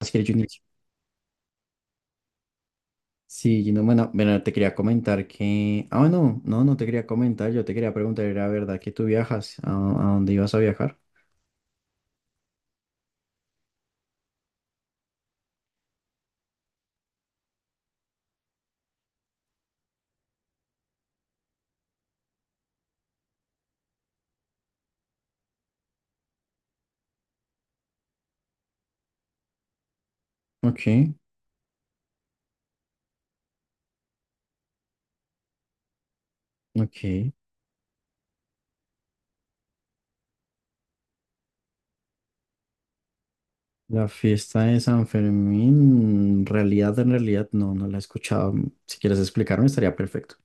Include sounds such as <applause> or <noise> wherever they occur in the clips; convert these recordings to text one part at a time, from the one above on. Así es, Junior. Sí, Gino, bueno, bueno, te quería comentar que. Ah, bueno, no, no te quería comentar, yo te quería preguntar, ¿era verdad que tú viajas? ¿A dónde ibas a viajar? Ok, ok. La fiesta de San Fermín, en realidad, no, no la he escuchado. Si quieres explicarme, estaría perfecto.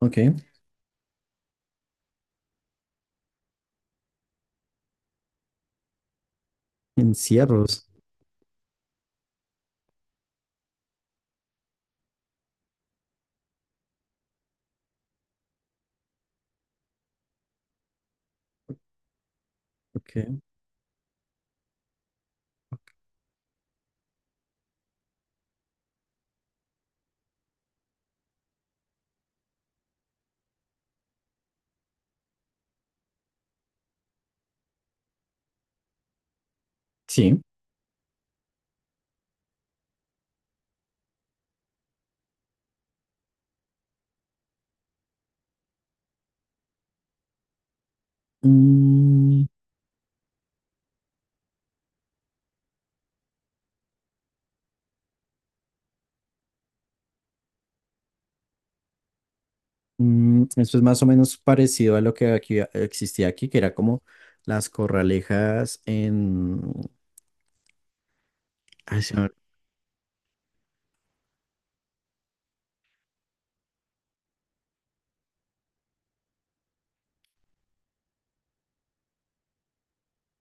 Ok, encierros. Ok. Sí. Mm, Eso es más o menos parecido a lo que aquí existía aquí, que era como las corralejas en.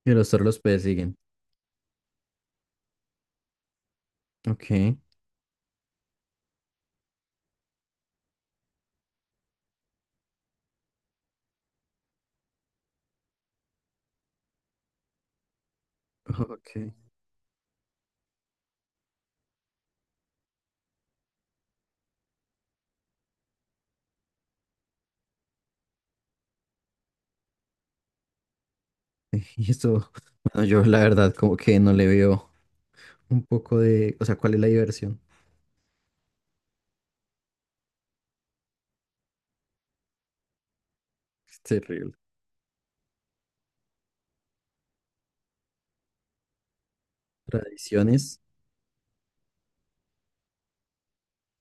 Y los toros los persiguen. Ok. Ok. <laughs> Y eso, bueno, yo la verdad como que no le veo un poco de, o sea, ¿cuál es la diversión? Es terrible. Tradiciones.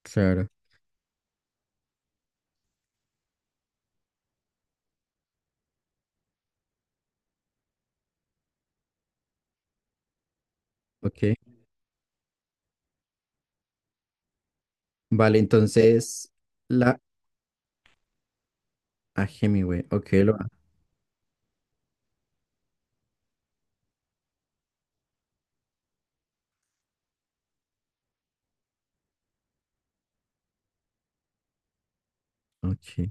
Claro. Ok. Vale, entonces la. Ah, Hemingway. Ok, lo. Ok.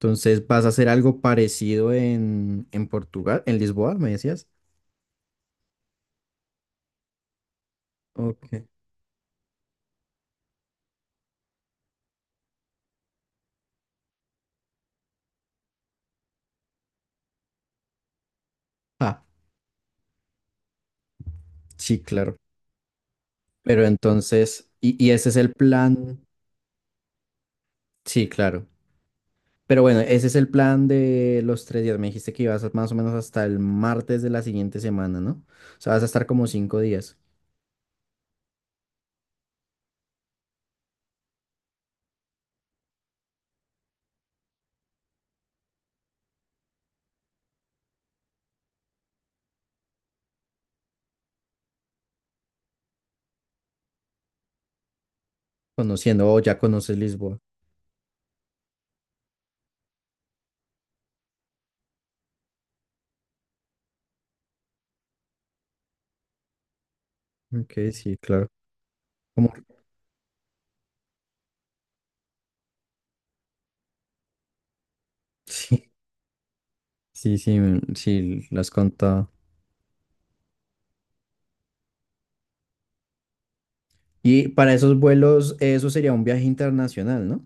Entonces, ¿vas a hacer algo parecido en Portugal, en Lisboa, me decías? Ok. Ah, sí, claro. Pero entonces, y ese es el plan. Sí, claro. Pero bueno, ese es el plan de los 3 días. Me dijiste que ibas más o menos hasta el martes de la siguiente semana, ¿no? O sea, vas a estar como 5 días conociendo, o ya conoces Lisboa. Ok, sí, claro. Como, <laughs> sí, sí, sí, sí, lo has contado. Y para esos vuelos, eso sería un viaje internacional, ¿no?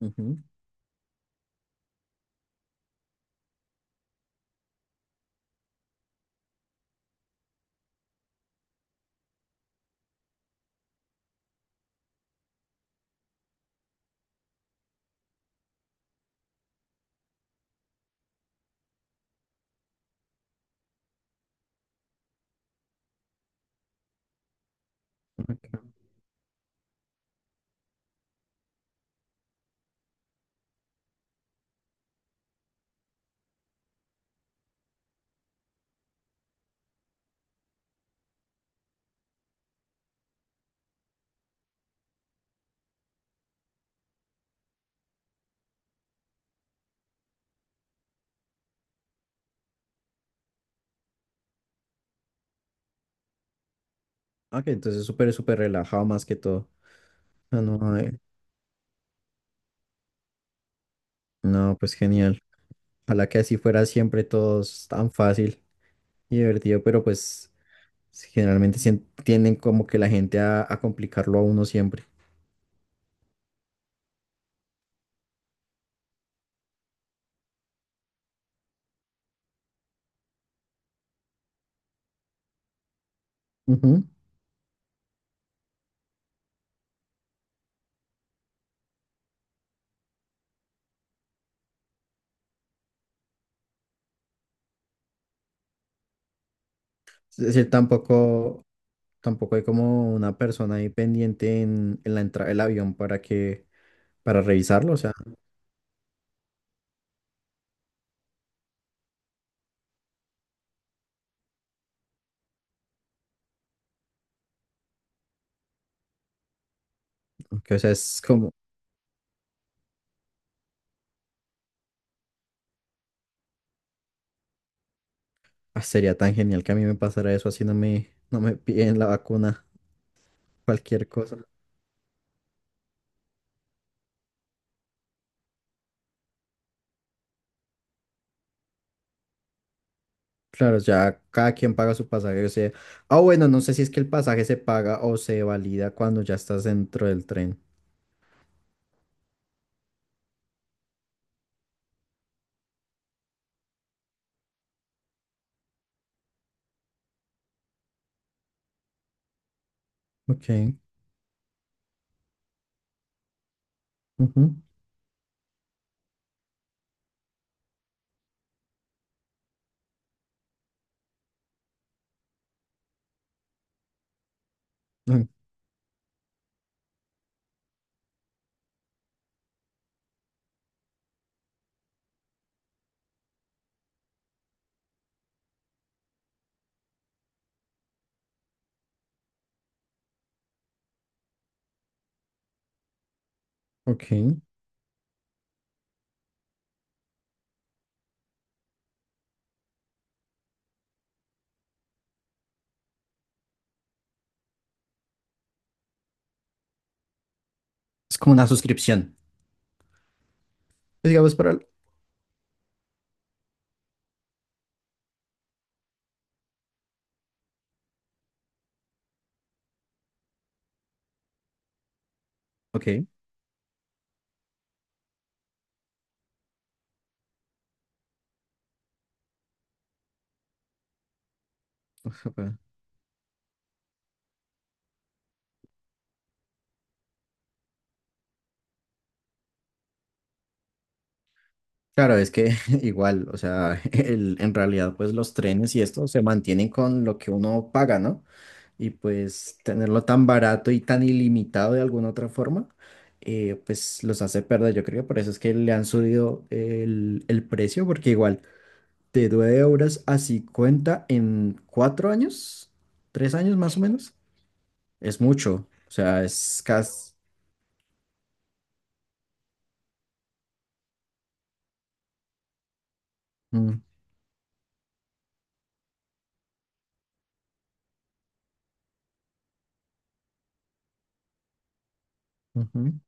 Ujú. Ok. Ah, que entonces súper, súper relajado más que todo. Ah, no, no, pues genial. Ojalá que así fuera siempre todos tan fácil y divertido, pero pues sí, generalmente tienden como que la gente a complicarlo a uno siempre. Ujú. Es decir, tampoco hay como una persona ahí pendiente en la entrada del avión para revisarlo. O sea, o sea, es como, ah, sería tan genial que a mí me pasara eso así no me piden la vacuna, cualquier cosa. Claro, ya cada quien paga su pasaje, o sea, ah, bueno, no sé si es que el pasaje se paga o se valida cuando ya estás dentro del tren. Ok, ujú, ah, ok. Es como una suscripción. Pues digamos para. Ok. <laughs> Bueno. Claro, es que <laughs> igual, o sea, <laughs> en realidad pues los trenes y esto se mantienen con lo que uno paga, ¿no? Y pues tenerlo tan barato y tan ilimitado de alguna otra forma, pues los hace perder, yo creo, por eso es que le han subido el precio, porque igual, de 9 € a 50 en 4 años, 3 años más o menos, es mucho. O sea, es casi. Mm, ujú.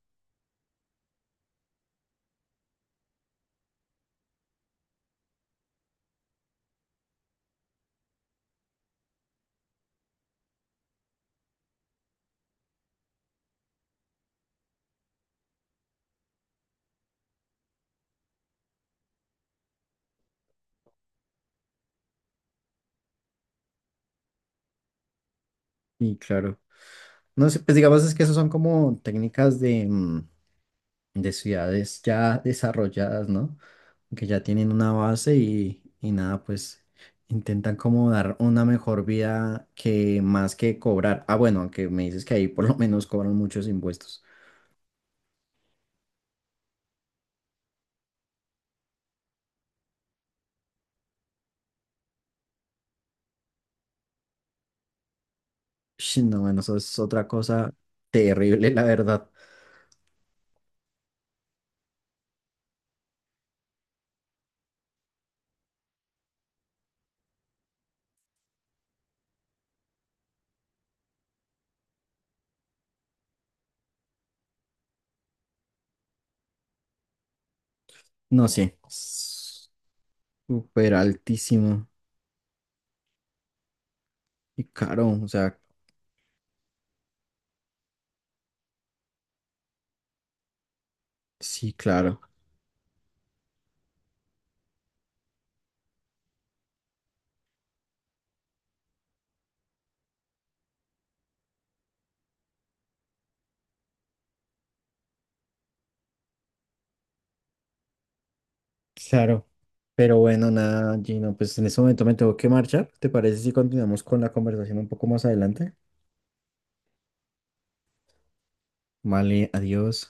Y claro, no sé, pues digamos es que esas son como técnicas de ciudades ya desarrolladas, ¿no? Que ya tienen una base y nada, pues intentan como dar una mejor vida que más que cobrar. Ah, bueno, aunque me dices que ahí por lo menos cobran muchos impuestos. Ush, no, bueno, eso es otra cosa terrible, la verdad. No, sí. Súper altísimo y caro. O sea, sí, claro. Claro. Pero bueno, nada, Gino, pues en este momento me tengo que marchar. ¿Te parece si continuamos con la conversación un poco más adelante? Vale, adiós.